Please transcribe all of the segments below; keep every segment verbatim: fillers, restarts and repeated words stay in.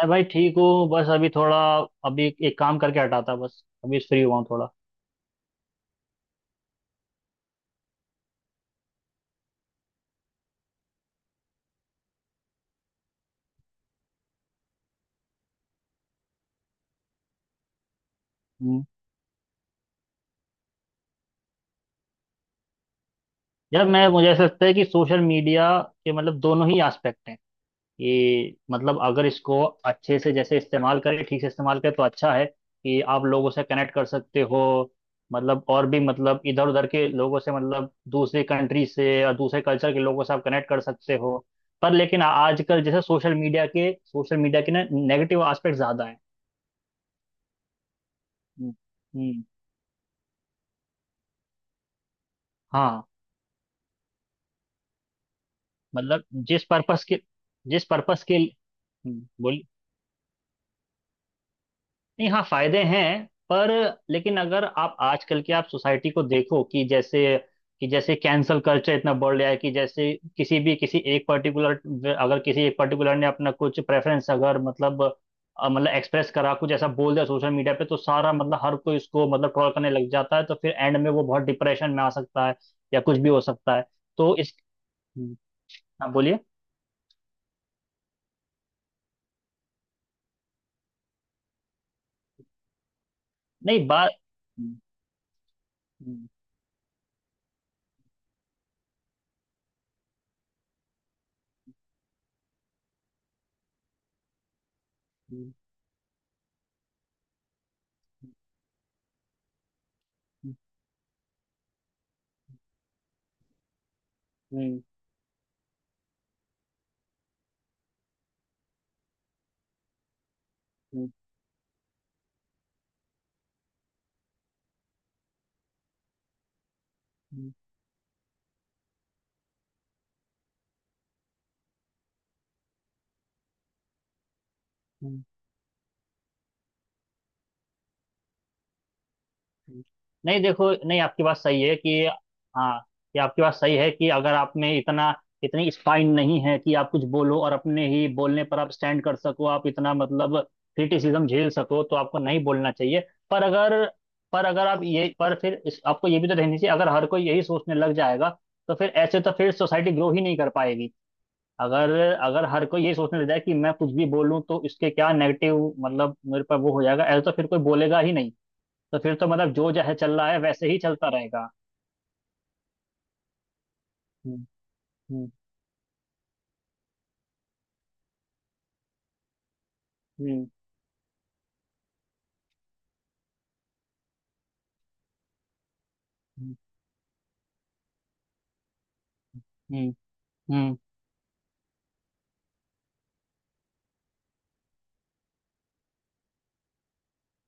मैं भाई ठीक हूँ बस अभी थोड़ा अभी एक काम करके हटा था बस अभी फ्री हुआ हूँ थोड़ा। हम्म। यार मैं मुझे ऐसा लगता है कि सोशल मीडिया के मतलब दोनों ही एस्पेक्ट हैं कि मतलब अगर इसको अच्छे से जैसे इस्तेमाल करें ठीक से इस्तेमाल करें तो अच्छा है कि आप लोगों से कनेक्ट कर सकते हो। मतलब और भी मतलब इधर उधर के लोगों से मतलब दूसरी कंट्री से और दूसरे कल्चर के लोगों से आप कनेक्ट कर सकते हो। पर लेकिन आ- आजकल जैसे सोशल मीडिया के सोशल मीडिया के ना नेगेटिव एस्पेक्ट ज्यादा है। हम्म हम्म। हाँ। मतलब जिस पर्पस के जिस पर्पस के हम्म, बोल। नहीं हाँ, फायदे हैं पर लेकिन अगर आप आजकल की आप सोसाइटी को देखो कि जैसे कि जैसे कैंसल कल्चर इतना बढ़ गया है कि जैसे किसी भी किसी एक पर्टिकुलर, अगर किसी एक पर्टिकुलर ने अपना कुछ प्रेफरेंस अगर मतलब अ, मतलब एक्सप्रेस करा कुछ ऐसा बोल दिया सोशल मीडिया पे तो सारा मतलब हर कोई उसको मतलब ट्रोल करने लग जाता है तो फिर एंड में वो बहुत डिप्रेशन में आ सकता है या कुछ भी हो सकता है। तो इस हम्म, हाँ बोलिए। नहीं बात। हम्म, हम्म, हम्म, हम्म, हम्म, हम्म, हम्म। नहीं देखो, नहीं आपकी बात सही है कि हाँ, ये आपकी बात सही है कि अगर आप में इतना इतनी स्पाइन नहीं है कि आप कुछ बोलो और अपने ही बोलने पर आप स्टैंड कर सको, आप इतना मतलब क्रिटिसिज्म झेल सको, तो आपको नहीं बोलना चाहिए। पर अगर पर अगर आप ये पर फिर इस, आपको ये भी तो रहनी चाहिए। अगर हर कोई यही सोचने लग जाएगा तो फिर ऐसे तो फिर सोसाइटी ग्रो ही नहीं कर पाएगी। अगर अगर हर कोई ये सोचने लग जाए कि मैं कुछ भी बोलूं तो इसके क्या नेगेटिव मतलब मेरे पर वो हो जाएगा ऐसा, तो फिर कोई बोलेगा ही नहीं। तो फिर तो मतलब जो जह चल रहा है वैसे ही चलता रहेगा। हम्म हम्म हम्म हम्म हम्म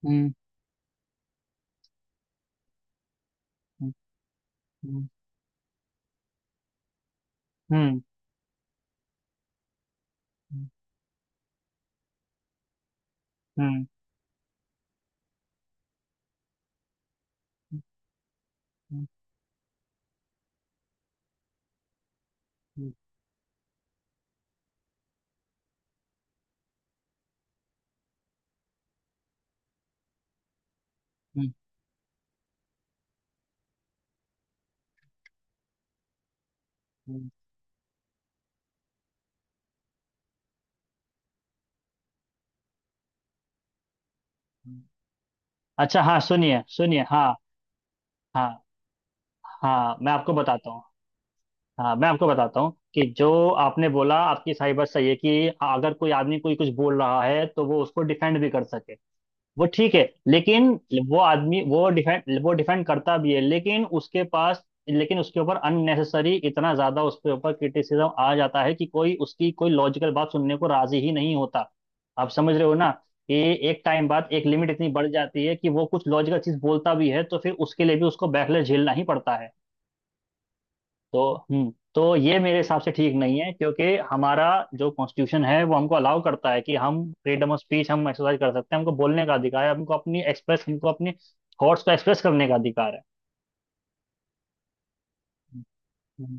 हम्म हम्म हम्म हम्म हम्म। अच्छा, हाँ सुनिए सुनिए। हाँ हाँ हाँ, मैं आपको बताता हूँ। हाँ मैं आपको बताता हूँ कि जो आपने बोला, आपकी सही बात सही है कि अगर कोई आदमी कोई कुछ बोल रहा है तो वो उसको डिफेंड भी कर सके, वो ठीक है। लेकिन वो आदमी वो डिफेंड वो डिफेंड करता भी है लेकिन उसके पास, लेकिन उसके ऊपर अननेसेसरी इतना ज्यादा उसके ऊपर क्रिटिसिज्म आ जाता है कि कोई उसकी कोई लॉजिकल बात सुनने को राजी ही नहीं होता। आप समझ रहे हो ना कि एक टाइम बाद एक लिमिट इतनी बढ़ जाती है कि वो कुछ लॉजिकल चीज बोलता भी है तो फिर उसके लिए भी उसको बैकलैश झेलना ही पड़ता है। तो हम्म, तो ये मेरे हिसाब से ठीक नहीं है क्योंकि हमारा जो कॉन्स्टिट्यूशन है वो हमको अलाउ करता है कि हम फ्रीडम ऑफ स्पीच हम एक्सरसाइज कर सकते हैं, हमको बोलने का अधिकार है, हमको अपनी एक्सप्रेस हमको अपने थॉट्स को एक्सप्रेस करने का अधिकार है। हम्म,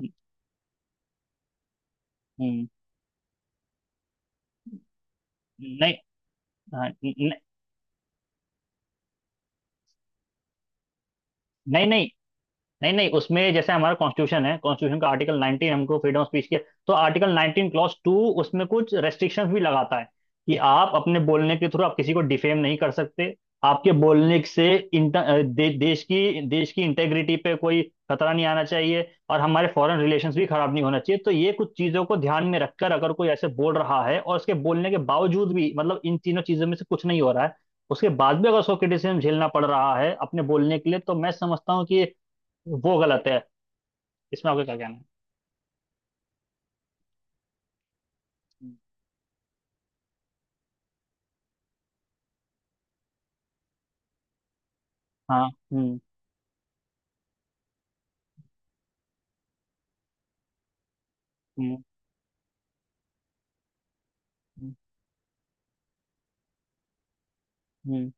हम्म, हम्म, नहीं, हाँ, न- न- नहीं नहीं। नहीं नहीं उसमें जैसे हमारा कॉन्स्टिट्यूशन है, कॉन्स्टिट्यूशन का आर्टिकल उन्नीस हमको फ्रीडम ऑफ स्पीच के, तो आर्टिकल उन्नीस क्लॉज टू उसमें कुछ रेस्ट्रिक्शंस भी लगाता है कि आप अपने बोलने के थ्रू आप किसी को डिफेम नहीं कर सकते। आपके बोलने से इंटर अ, दे, देश की देश की इंटेग्रिटी पे कोई खतरा नहीं आना चाहिए और हमारे फॉरेन रिलेशंस भी खराब नहीं होना चाहिए। तो ये कुछ चीज़ों को ध्यान में रखकर अगर कोई ऐसे बोल रहा है और उसके बोलने के बावजूद भी मतलब इन तीनों चीज़ों में से कुछ नहीं हो रहा है, उसके बाद भी अगर उसको क्रिटिसिज्म झेलना पड़ रहा है अपने बोलने के लिए, तो मैं समझता हूँ कि वो गलत है। इसमें आपका क्या कहना है? हाँ हम्म हम्म हम्म हम्म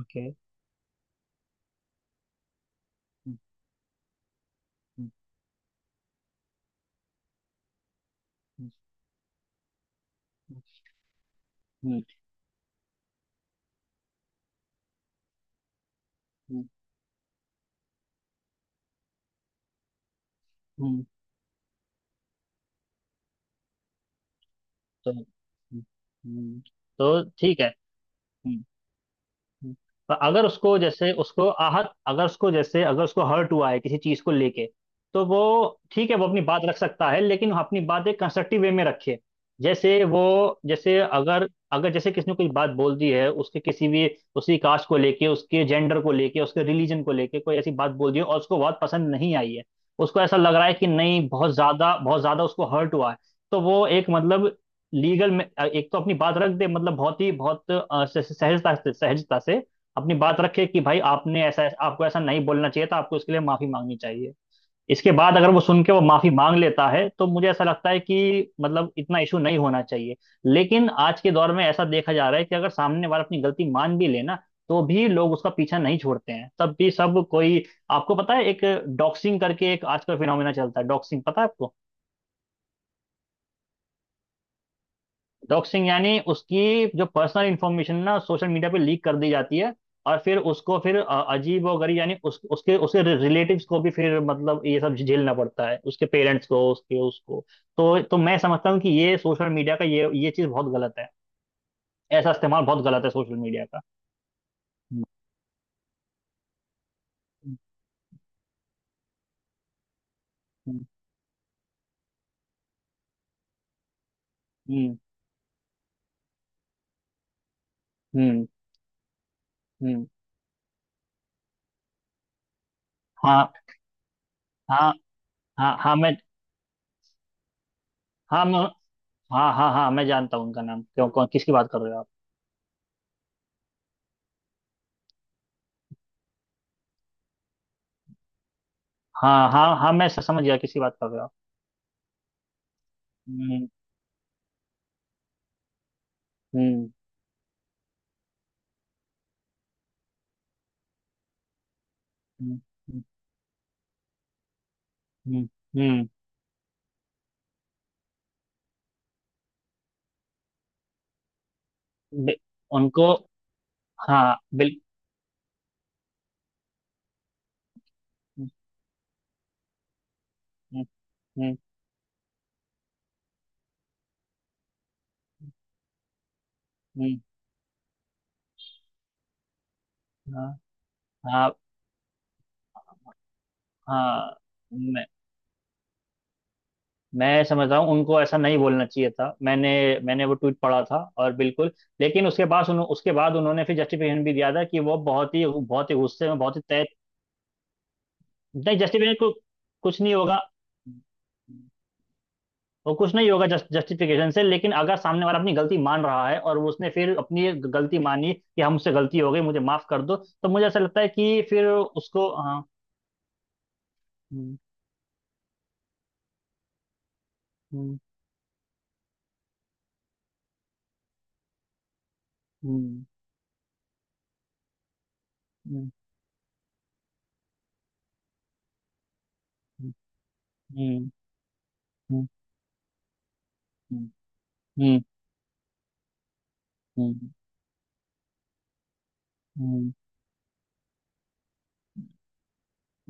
ओके हम्म हम्म हम्म हम्म, हम्म, हम्म, तो हम्म, हम्म, तो ठीक है हम्म, हम्म। पर अगर उसको जैसे उसको आहत, अगर उसको जैसे अगर उसको हर्ट हुआ है किसी चीज को लेके, तो वो ठीक है, वो अपनी बात रख सकता है लेकिन वो अपनी बात एक कंस्ट्रक्टिव वे में रखे। जैसे वो, जैसे अगर अगर जैसे किसी ने कोई बात बोल दी है उसके किसी भी उसी कास्ट को लेके, उसके जेंडर को लेके, उसके रिलीजन को लेके कोई ऐसी बात बोल दी है और उसको बहुत पसंद नहीं आई है, उसको ऐसा लग रहा है कि नहीं बहुत ज्यादा बहुत ज्यादा उसको हर्ट हुआ है, तो वो एक मतलब लीगल में अ, एक तो अपनी बात रख दे, मतलब बहुत ही बहुत अ, स- स- सहजता से सहजता से अपनी बात रखे कि भाई आपने ऐसा, आपको ऐसा नहीं बोलना चाहिए था, आपको इसके लिए माफी मांगनी चाहिए। इसके बाद अगर वो सुन के वो माफी मांग लेता है तो मुझे ऐसा लगता है कि मतलब इतना इशू नहीं होना चाहिए। लेकिन आज के दौर में ऐसा देखा जा रहा है कि अगर सामने वाला अपनी गलती मान भी लेना तो भी लोग उसका पीछा नहीं छोड़ते हैं, तब भी सब कोई। आपको पता है, एक डॉक्सिंग करके एक आजकल फिनोमिना चलता है, डॉक्सिंग पता है आपको? डॉक्सिंग यानी उसकी जो पर्सनल इंफॉर्मेशन ना सोशल मीडिया पे लीक कर दी जाती है और फिर उसको फिर अ, अजीब और गरीब यानी उस, उसके उसके रिलेटिव्स को भी फिर मतलब ये सब झेलना पड़ता है, उसके पेरेंट्स को, उसके, उसको। तो तो मैं समझता हूँ कि ये सोशल मीडिया का ये ये चीज़ बहुत गलत है। ऐसा इस्तेमाल बहुत गलत है सोशल मीडिया का। हम्म हम्म हम्म हम्म, हम्म। हाँ हाँ हाँ। हाँ मैं, हाँ मैं, हाँ हाँ हाँ मैं जानता हूँ उनका नाम, क्यों, कौन, किसकी बात कर रहे हो आप? हाँ हाँ हाँ, मैं समझ गया किसकी बात कर रहे हो आप। हम्म हम्म हम्म हम्म, हम्म, बे- उनको हाँ बिल हम्म हम्म, हम्म, हम्म, हाँ हाँ हाँ, मैं मैं समझता हूँ उनको ऐसा नहीं बोलना चाहिए था। मैंने मैंने वो ट्वीट पढ़ा था और बिल्कुल, लेकिन उसके बाद उन्हों, उसके बाद उन्होंने फिर जस्टिफिकेशन भी दिया था कि वो बहुत ही बहुत ही गुस्से में बहुत ही तय। नहीं जस्टिफिकेशन कुछ नहीं होगा। वो कुछ नहीं होगा जस्ट जस्टिफिकेशन से, लेकिन अगर सामने वाला अपनी गलती मान रहा है और उसने फिर अपनी ये गलती मानी कि हमसे गलती हो गई, मुझे माफ कर दो, तो मुझे ऐसा लगता है कि फिर उसको, हाँ। हम्म हम्म हम्म हम्म हम्म हम्म हम्म हम्म, हम्म, हम्म,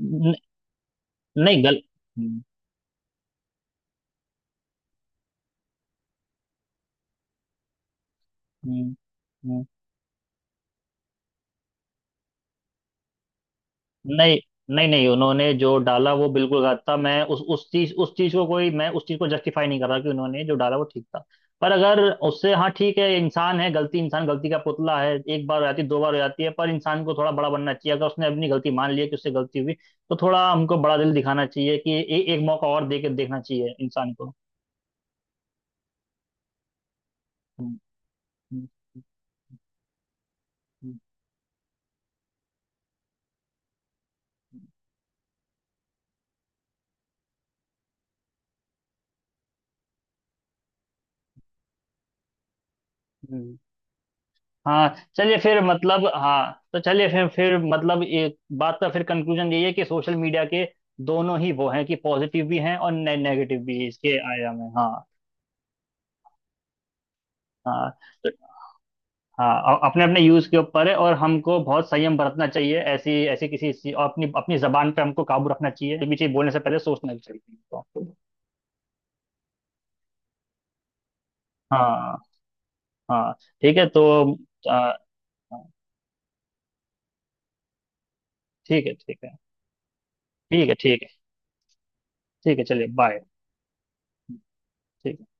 हम्म, नहीं गल हम्म हम्म। नहीं नहीं नहीं, उन्होंने जो डाला वो बिल्कुल गलत था। मैं उस उस चीज, उस चीज को कोई मैं उस चीज को जस्टिफाई नहीं कर रहा कि उन्होंने जो डाला वो ठीक था। पर अगर उससे, हाँ ठीक है, इंसान है, गलती, इंसान गलती का पुतला है, एक बार हो जाती है, दो बार हो जाती है, पर इंसान को थोड़ा बड़ा बनना चाहिए। अगर उसने अपनी गलती मान लिया कि उससे गलती हुई, तो थोड़ा हमको बड़ा दिल दिखाना चाहिए कि ए, एक मौका और दे के देखना चाहिए इंसान को। हम्म, हम्म, हम्म, हम्म, हम्म। हाँ चलिए फिर मतलब, हाँ तो चलिए फिर फिर मतलब एक बात का फिर कंक्लूजन यही है कि सोशल मीडिया के दोनों ही वो हैं कि पॉजिटिव भी हैं और ने, नेगेटिव भी इसके आयाम में, हाँ। हाँ तो हाँ, अपने अपने यूज के ऊपर है और हमको बहुत संयम बरतना चाहिए ऐसी ऐसी किसी चीज- और अपनी अपनी जबान पे हमको काबू रखना चाहिए, ये भी चीज बोलने से पहले सोचना भी चाहिए हमको। हाँ हाँ ठीक है तो आ, ठीक है ठीक है। ठीक है ठीक है। ठीक है चलिए, बाय। ठीक है।